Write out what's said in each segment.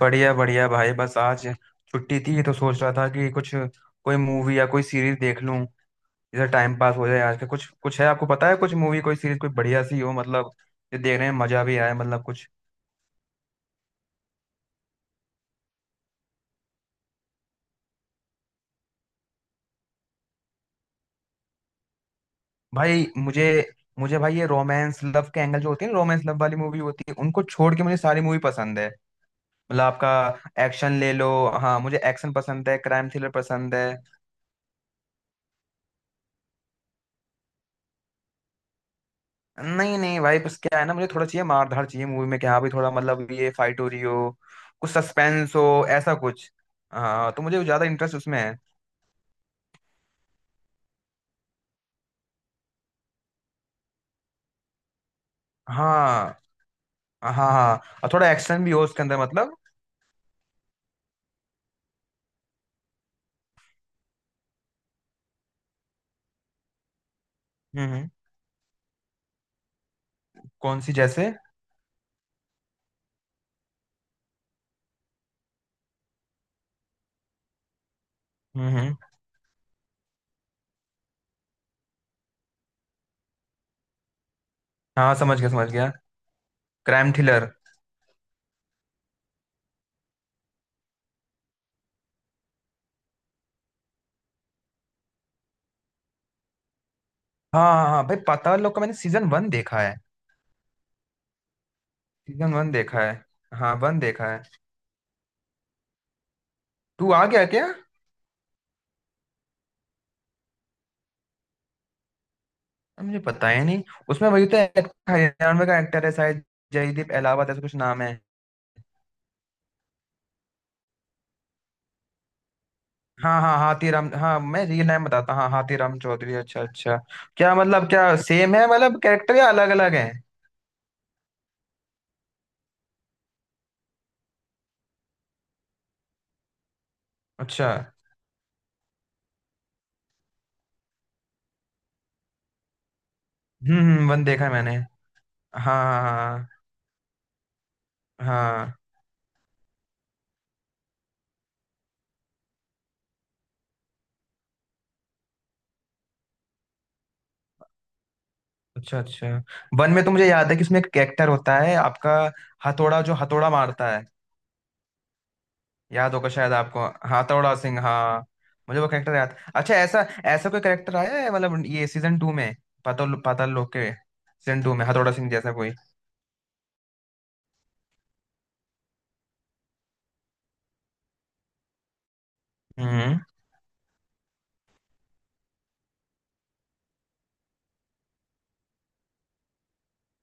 बढ़िया बढ़िया भाई। बस आज छुट्टी थी तो सोच रहा था कि कुछ कोई मूवी या कोई सीरीज देख लूं, इधर टाइम पास हो जाए आज का। कुछ कुछ है आपको पता है? कुछ मूवी कोई सीरीज कोई बढ़िया सी हो मतलब, जो देखने में मजा भी आए, मतलब कुछ। भाई मुझे मुझे भाई ये रोमांस लव के एंगल जो होती है ना, रोमांस लव वाली मूवी होती है उनको छोड़ के मुझे सारी मूवी पसंद है। मतलब आपका एक्शन ले लो। हाँ मुझे एक्शन पसंद है, क्राइम थ्रिलर पसंद है। नहीं नहीं भाई, बस क्या है ना, मुझे थोड़ा चाहिए, मार धाड़ चाहिए मूवी में कि हाँ भाई थोड़ा मतलब ये फाइट हो रही हो, कुछ सस्पेंस हो, ऐसा कुछ। हाँ तो मुझे ज्यादा इंटरेस्ट उसमें है। हाँ हाँ हाँ। और थोड़ा एक्शन भी हो उसके अंदर मतलब। हम्म हम्म। कौन सी जैसे? हम्म हम्म। हाँ समझ गया समझ गया। Crime thriller. हाँ हाँ हाँ भाई, पाताल लोक का मैंने सीजन 1 देखा है। सीजन 1 देखा है। हाँ, 1 देखा है। तू आ गया क्या? मुझे पता ही नहीं। उसमें वही तो एक्टर, हरियाणवी का एक्टर है शायद, जयदीप अहलावत ऐसा कुछ नाम है। हाँ हाँ हाथीराम, हाँ मैं रियल नाम बताता, हाँ हाथीराम चौधरी। अच्छा अच्छा। क्या मतलब, क्या सेम है मतलब कैरेक्टर या अलग अलग है? अच्छा। वन देखा है मैंने। हाँ हाँ हाँ हाँ। अच्छा अच्छा। वन में तो मुझे याद है कि इसमें एक कैरेक्टर होता है आपका, हथौड़ा, जो हथौड़ा मारता है। याद होगा शायद आपको, हथौड़ा सिंह हाँ। मुझे वो कैरेक्टर याद। अच्छा, ऐसा ऐसा कोई कैरेक्टर आया है मतलब ये सीजन 2 में? पाताल पाताल लोक के सीजन 2 में हथौड़ा सिंह जैसा कोई? हम्म।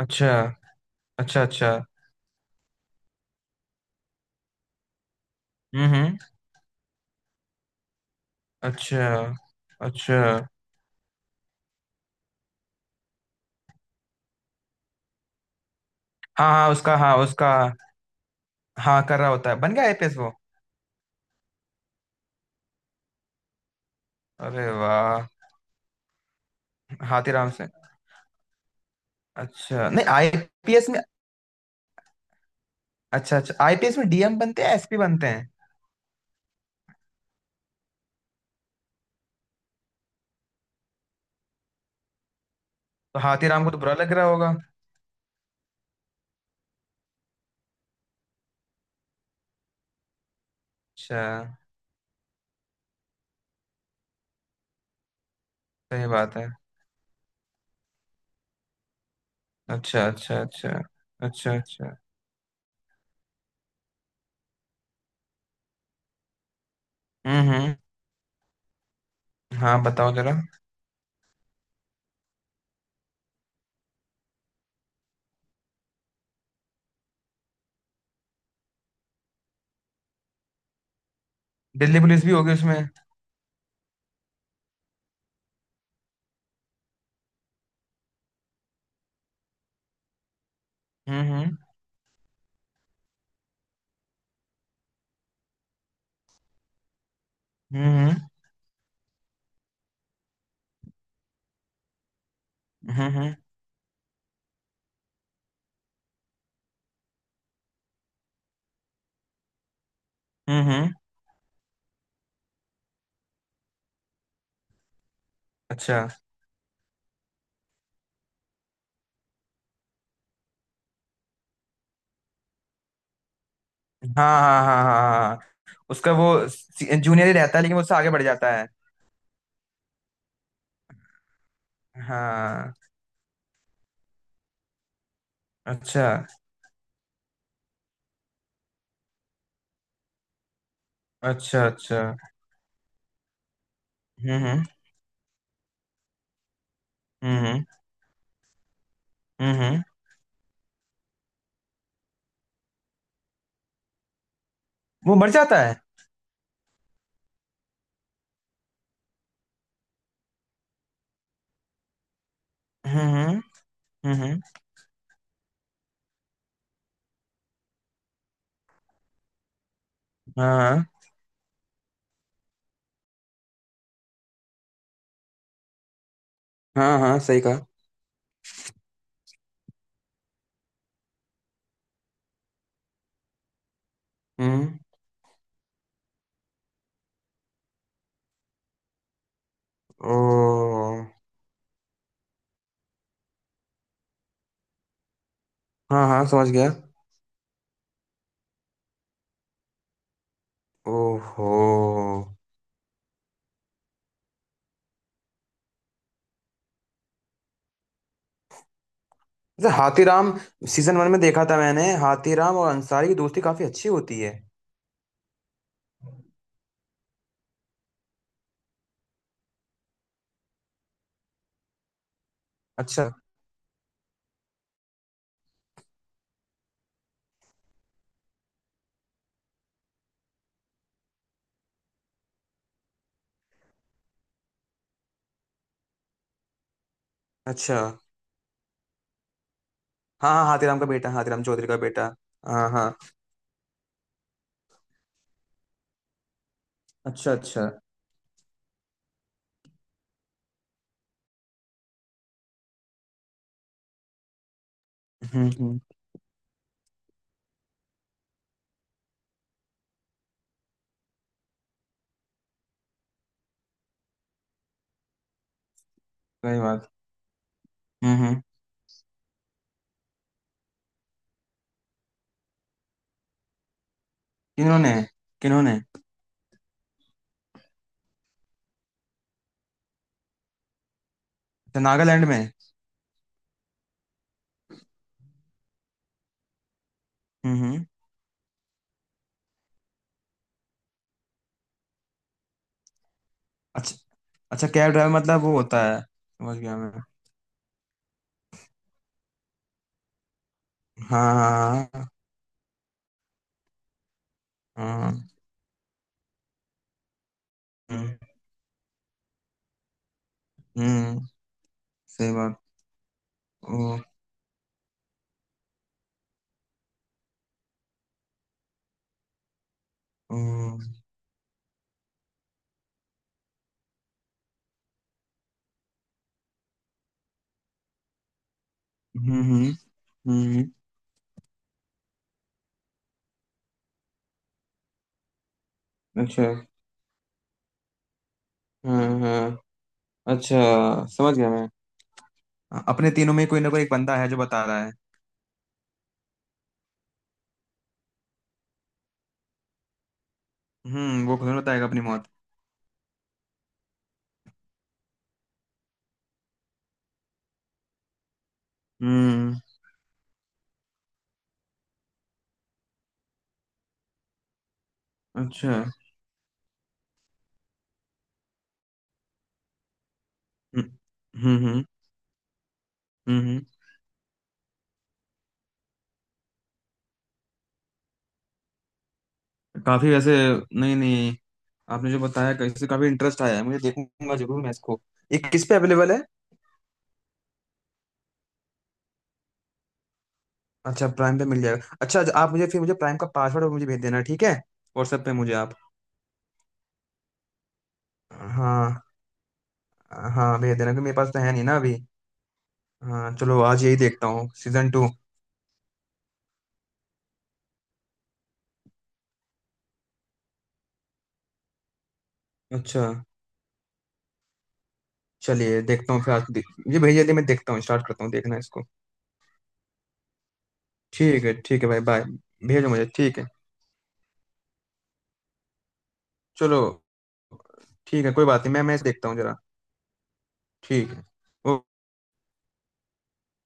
अच्छा अच्छा अच्छा। हम्म। अच्छा अच्छा। हाँ हाँ उसका, हाँ उसका। हाँ कर रहा होता है, बन गया आईपीएस वो। अरे वाह। हाथीराम से? अच्छा, नहीं आईपीएस में? अच्छा अच्छा, आईपीएस में डीएम बनते हैं, एसपी बनते हैं। तो हाथीराम को तो बुरा लग रहा होगा। अच्छा। सही बात है। अच्छा अच्छा अच्छा अच्छा अच्छा। हम्म। हाँ बताओ जरा। दिल्ली पुलिस भी होगी उसमें? हम्म हम्म हम्म हम्म हम्म हम्म हम्म, हम्म। अच्छा। हाँ हाँ हाँ हाँ हाँ हाँ। उसका वो जूनियर ही रहता है, लेकिन वो उससे आगे बढ़ जाता है। हाँ। अच्छा अच्छा अच्छा। हम्म हम्म हम्म हम्म। वो मर जाता है। हम्म हम्म हम्म हम्म। हाँ हाँ हाँ हाँ, सही कहा। हम्म। ओ। हाँ हाँ समझ गया। ओहो। जैसे हाथीराम सीजन 1 में देखा था मैंने, हाथीराम और अंसारी की दोस्ती काफी अच्छी होती है। अच्छा अच्छा। हाँ हाँ हाथीराम का बेटा, हाथीराम चौधरी का बेटा। हाँ हाँ। अच्छा अच्छा। हम्म। सही बात। हम्म। किन्होंने? किन्होंने? अच्छा, नागालैंड में। हम्म। अच्छा अच्छा, कैब ड्राइवर मतलब वो होता है, समझ गया मैं। हाँ हाँ हाँ हाँ, हम्म हम्म, सही बात। ओ, ओ, हम्म हम्म, अच्छा। हाँ हाँ। अच्छा, समझ गया मैं। अपने तीनों में कोई ना कोई एक बंदा है जो बता रहा है। हम्म, वो खुद बताएगा अपनी मौत। हम्म। अच्छा। हम्म हम्म हम्म हम्म। काफी वैसे। नहीं नहीं, आपने जो बताया कैसे, काफी इंटरेस्ट आया है मुझे, देखूंगा जरूर मैं इसको। ये किस पे अवेलेबल है? अच्छा प्राइम पे मिल जाएगा, अच्छा अच्छा, आप मुझे फिर मुझे प्राइम का पासवर्ड मुझे भेज देना ठीक है, व्हाट्सएप पे मुझे आप। हाँ। हाँ भेज देना क्योंकि मेरे पास तो है नहीं ना अभी। हाँ चलो आज यही देखता हूँ सीजन 2। अच्छा। चलिए देखता हूँ फिर आज ये भेज दिया, मैं देखता हूँ, स्टार्ट करता हूँ, देखना इसको। ठीक है भाई बाय। भेजो मुझे ठीक है। चलो। ठीक है, कोई बात नहीं, मैं मैच देखता हूँ जरा। ठीक है।